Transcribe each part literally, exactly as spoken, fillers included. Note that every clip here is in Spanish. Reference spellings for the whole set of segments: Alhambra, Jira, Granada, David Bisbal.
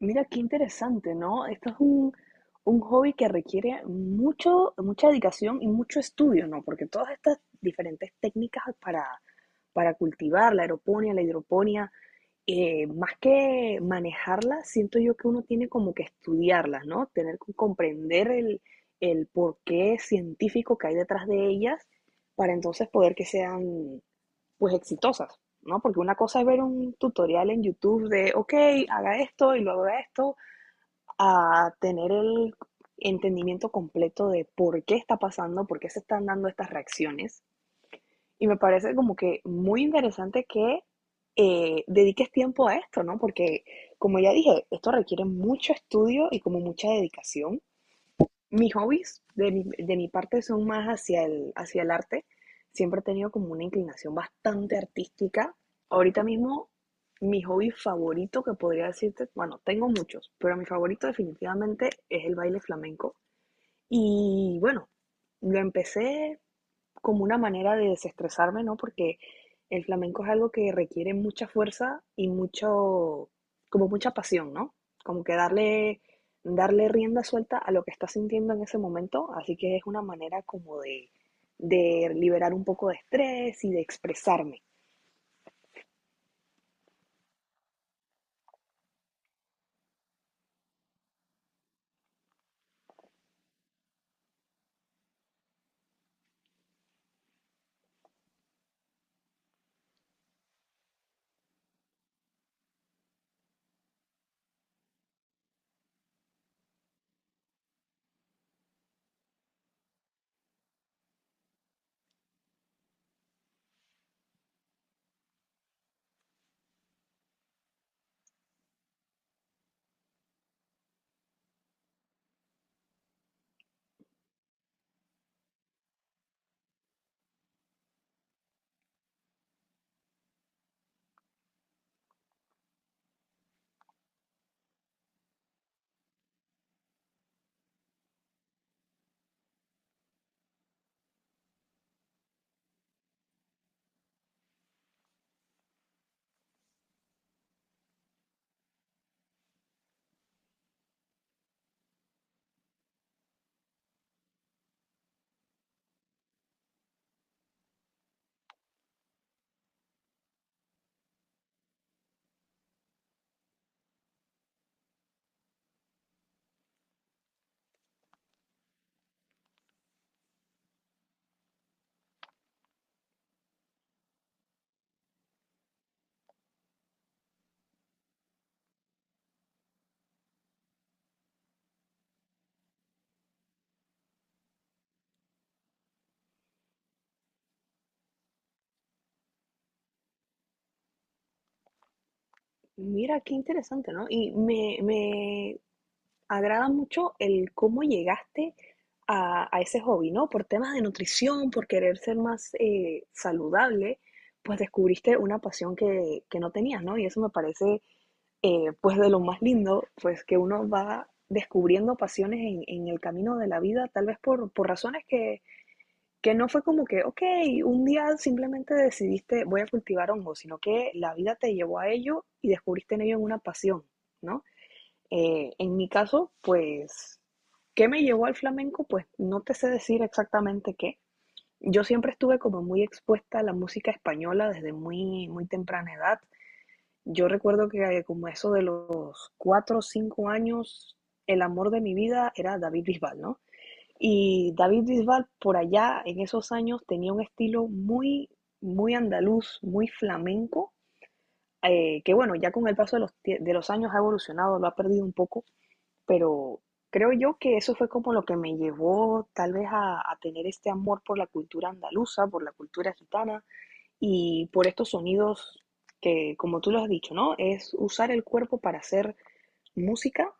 Mira, qué interesante, ¿no? Esto es un, un hobby que requiere mucho, mucha dedicación y mucho estudio, ¿no? Porque todas estas diferentes técnicas para, para cultivar la aeroponía, la hidroponía, eh, más que manejarlas, siento yo que uno tiene como que estudiarlas, ¿no? Tener que comprender el, el porqué científico que hay detrás de ellas para entonces poder que sean, pues, exitosas, ¿no? Porque una cosa es ver un tutorial en YouTube de, ok, haga esto y luego haga esto, a tener el entendimiento completo de por qué está pasando, por qué se están dando estas reacciones. Y me parece como que muy interesante que eh, dediques tiempo a esto, ¿no? Porque, como ya dije, esto requiere mucho estudio y como mucha dedicación. Mis hobbies de mi, de mi parte son más hacia el, hacia el arte. Siempre he tenido como una inclinación bastante artística. Ahorita mismo, mi hobby favorito que podría decirte, bueno, tengo muchos, pero mi favorito definitivamente es el baile flamenco. Y bueno, lo empecé como una manera de desestresarme, ¿no? Porque el flamenco es algo que requiere mucha fuerza y mucho, como mucha pasión, ¿no? Como que darle, darle rienda suelta a lo que estás sintiendo en ese momento, así que es una manera como de, de liberar un poco de estrés y de expresarme. Mira, qué interesante, ¿no? Y me, me, agrada mucho el cómo llegaste a, a ese hobby, ¿no? Por temas de nutrición, por querer ser más eh, saludable, pues descubriste una pasión que, que no tenías, ¿no? Y eso me parece, eh, pues, de lo más lindo, pues, que uno va descubriendo pasiones en, en el camino de la vida, tal vez por, por razones que, que no fue como que, ok, un día simplemente decidiste voy a cultivar hongos, sino que la vida te llevó a ello y descubriste en ello una pasión, ¿no? Eh, en mi caso, pues, ¿qué me llevó al flamenco? Pues no te sé decir exactamente qué. Yo siempre estuve como muy expuesta a la música española desde muy, muy temprana edad. Yo recuerdo que como eso de los cuatro o cinco años, el amor de mi vida era David Bisbal, ¿no? Y David Bisbal por allá en esos años tenía un estilo muy, muy andaluz, muy flamenco, eh, que bueno, ya con el paso de los, de los años ha evolucionado, lo ha perdido un poco, pero creo yo que eso fue como lo que me llevó tal vez a, a tener este amor por la cultura andaluza, por la cultura gitana y por estos sonidos que, como tú lo has dicho, ¿no? Es usar el cuerpo para hacer música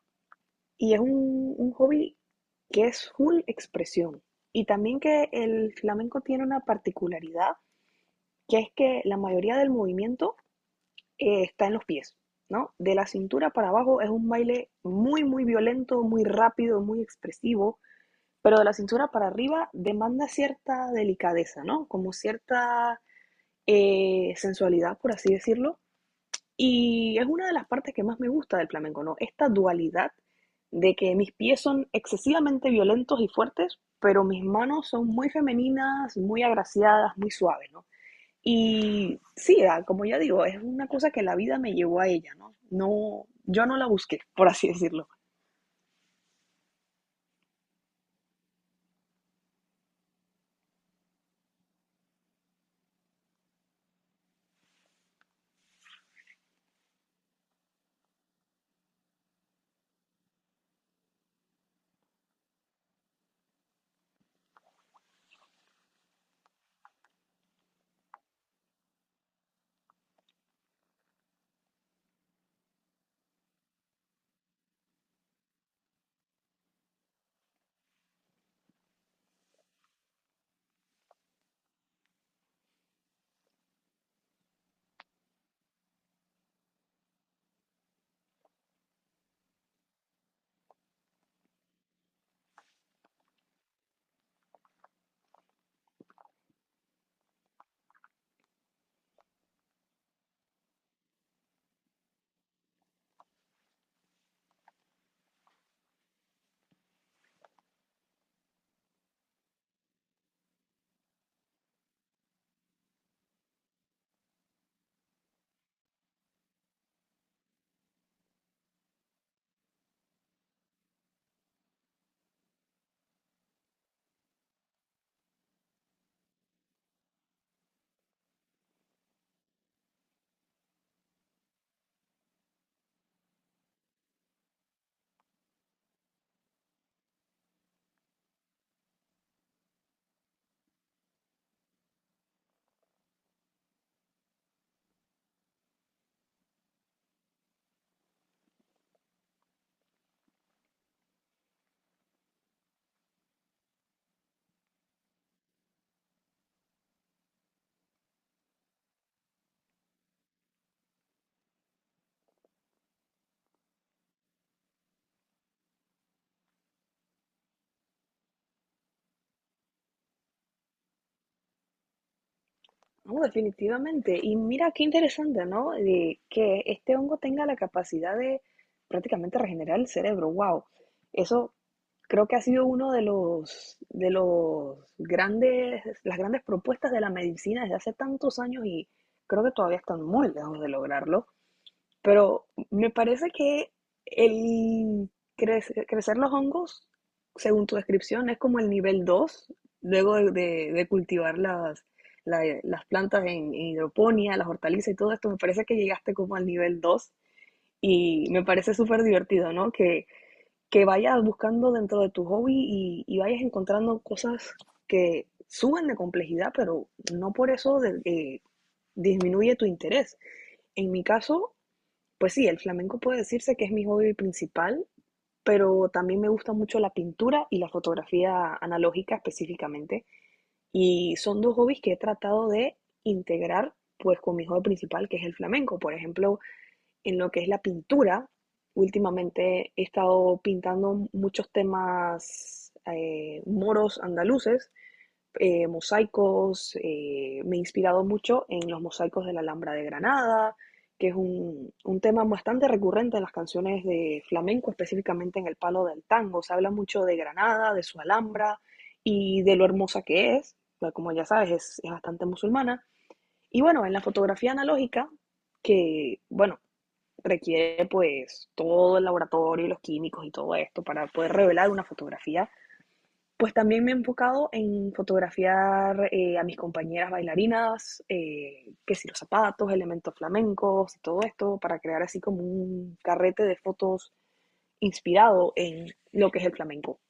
y es un, un hobby que es full expresión. Y también que el flamenco tiene una particularidad, que es que la mayoría del movimiento eh, está en los pies, ¿no? De la cintura para abajo es un baile muy, muy violento, muy rápido, muy expresivo, pero de la cintura para arriba demanda cierta delicadeza, ¿no? Como cierta eh, sensualidad, por así decirlo. Y es una de las partes que más me gusta del flamenco, ¿no? Esta dualidad de que mis pies son excesivamente violentos y fuertes, pero mis manos son muy femeninas, muy agraciadas, muy suaves, ¿no? Y sí, ah, como ya digo, es una cosa que la vida me llevó a ella, ¿no? No, yo no la busqué, por así decirlo. No, definitivamente. Y mira qué interesante, ¿no? De que este hongo tenga la capacidad de prácticamente regenerar el cerebro. Wow. Eso creo que ha sido uno de los de los grandes las grandes propuestas de la medicina desde hace tantos años y creo que todavía están muy lejos de lograrlo. Pero me parece que el crece- crecer los hongos, según tu descripción, es como el nivel dos luego de, de- de cultivar las, la- las plantas en, en hidroponía, las hortalizas y todo esto, me parece que llegaste como al nivel dos y me parece súper divertido, ¿no? Que, que vayas buscando dentro de tu hobby y, y vayas encontrando cosas que suben de complejidad, pero no por eso de- eh, disminuye tu interés. En mi caso, pues sí, el flamenco puede decirse que es mi hobby principal, pero también me gusta mucho la pintura y la fotografía analógica específicamente. Y son dos hobbies que he tratado de integrar pues con mi hobby principal, que es el flamenco. Por ejemplo, en lo que es la pintura, últimamente he estado pintando muchos temas eh, moros andaluces, eh, mosaicos, eh, me he inspirado mucho en los mosaicos de la Alhambra de Granada, que es un, un tema bastante recurrente en las canciones de flamenco, específicamente en el palo del tango. Se habla mucho de Granada, de su Alhambra y de lo hermosa que es, pues, como ya sabes, es, es bastante musulmana. Y bueno, en la fotografía analógica, que bueno, requiere pues todo el laboratorio y los químicos y todo esto para poder revelar una fotografía, pues también me he enfocado en fotografiar eh, a mis compañeras bailarinas, eh, que si los zapatos, elementos flamencos y todo esto, para crear así como un carrete de fotos inspirado en lo que es el flamenco.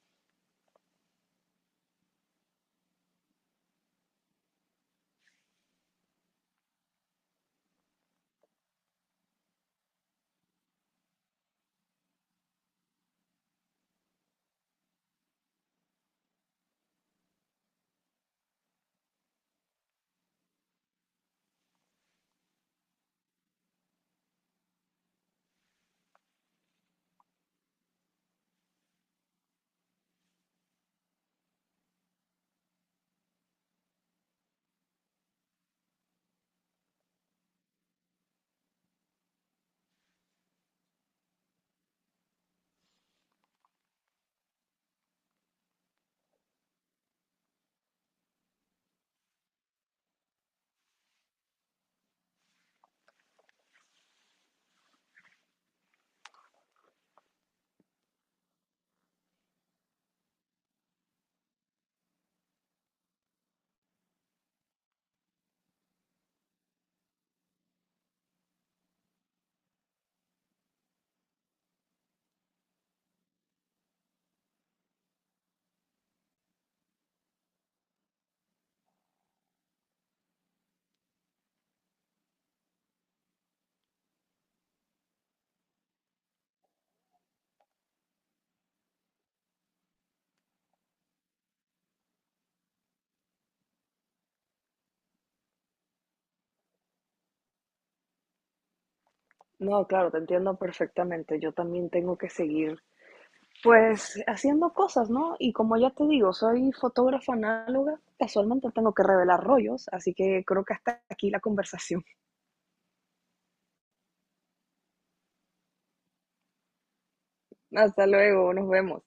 No, claro, te entiendo perfectamente. Yo también tengo que seguir, pues, haciendo cosas, ¿no? Y como ya te digo, soy fotógrafa análoga, casualmente tengo que revelar rollos, así que creo que hasta aquí la conversación. Hasta luego, nos vemos.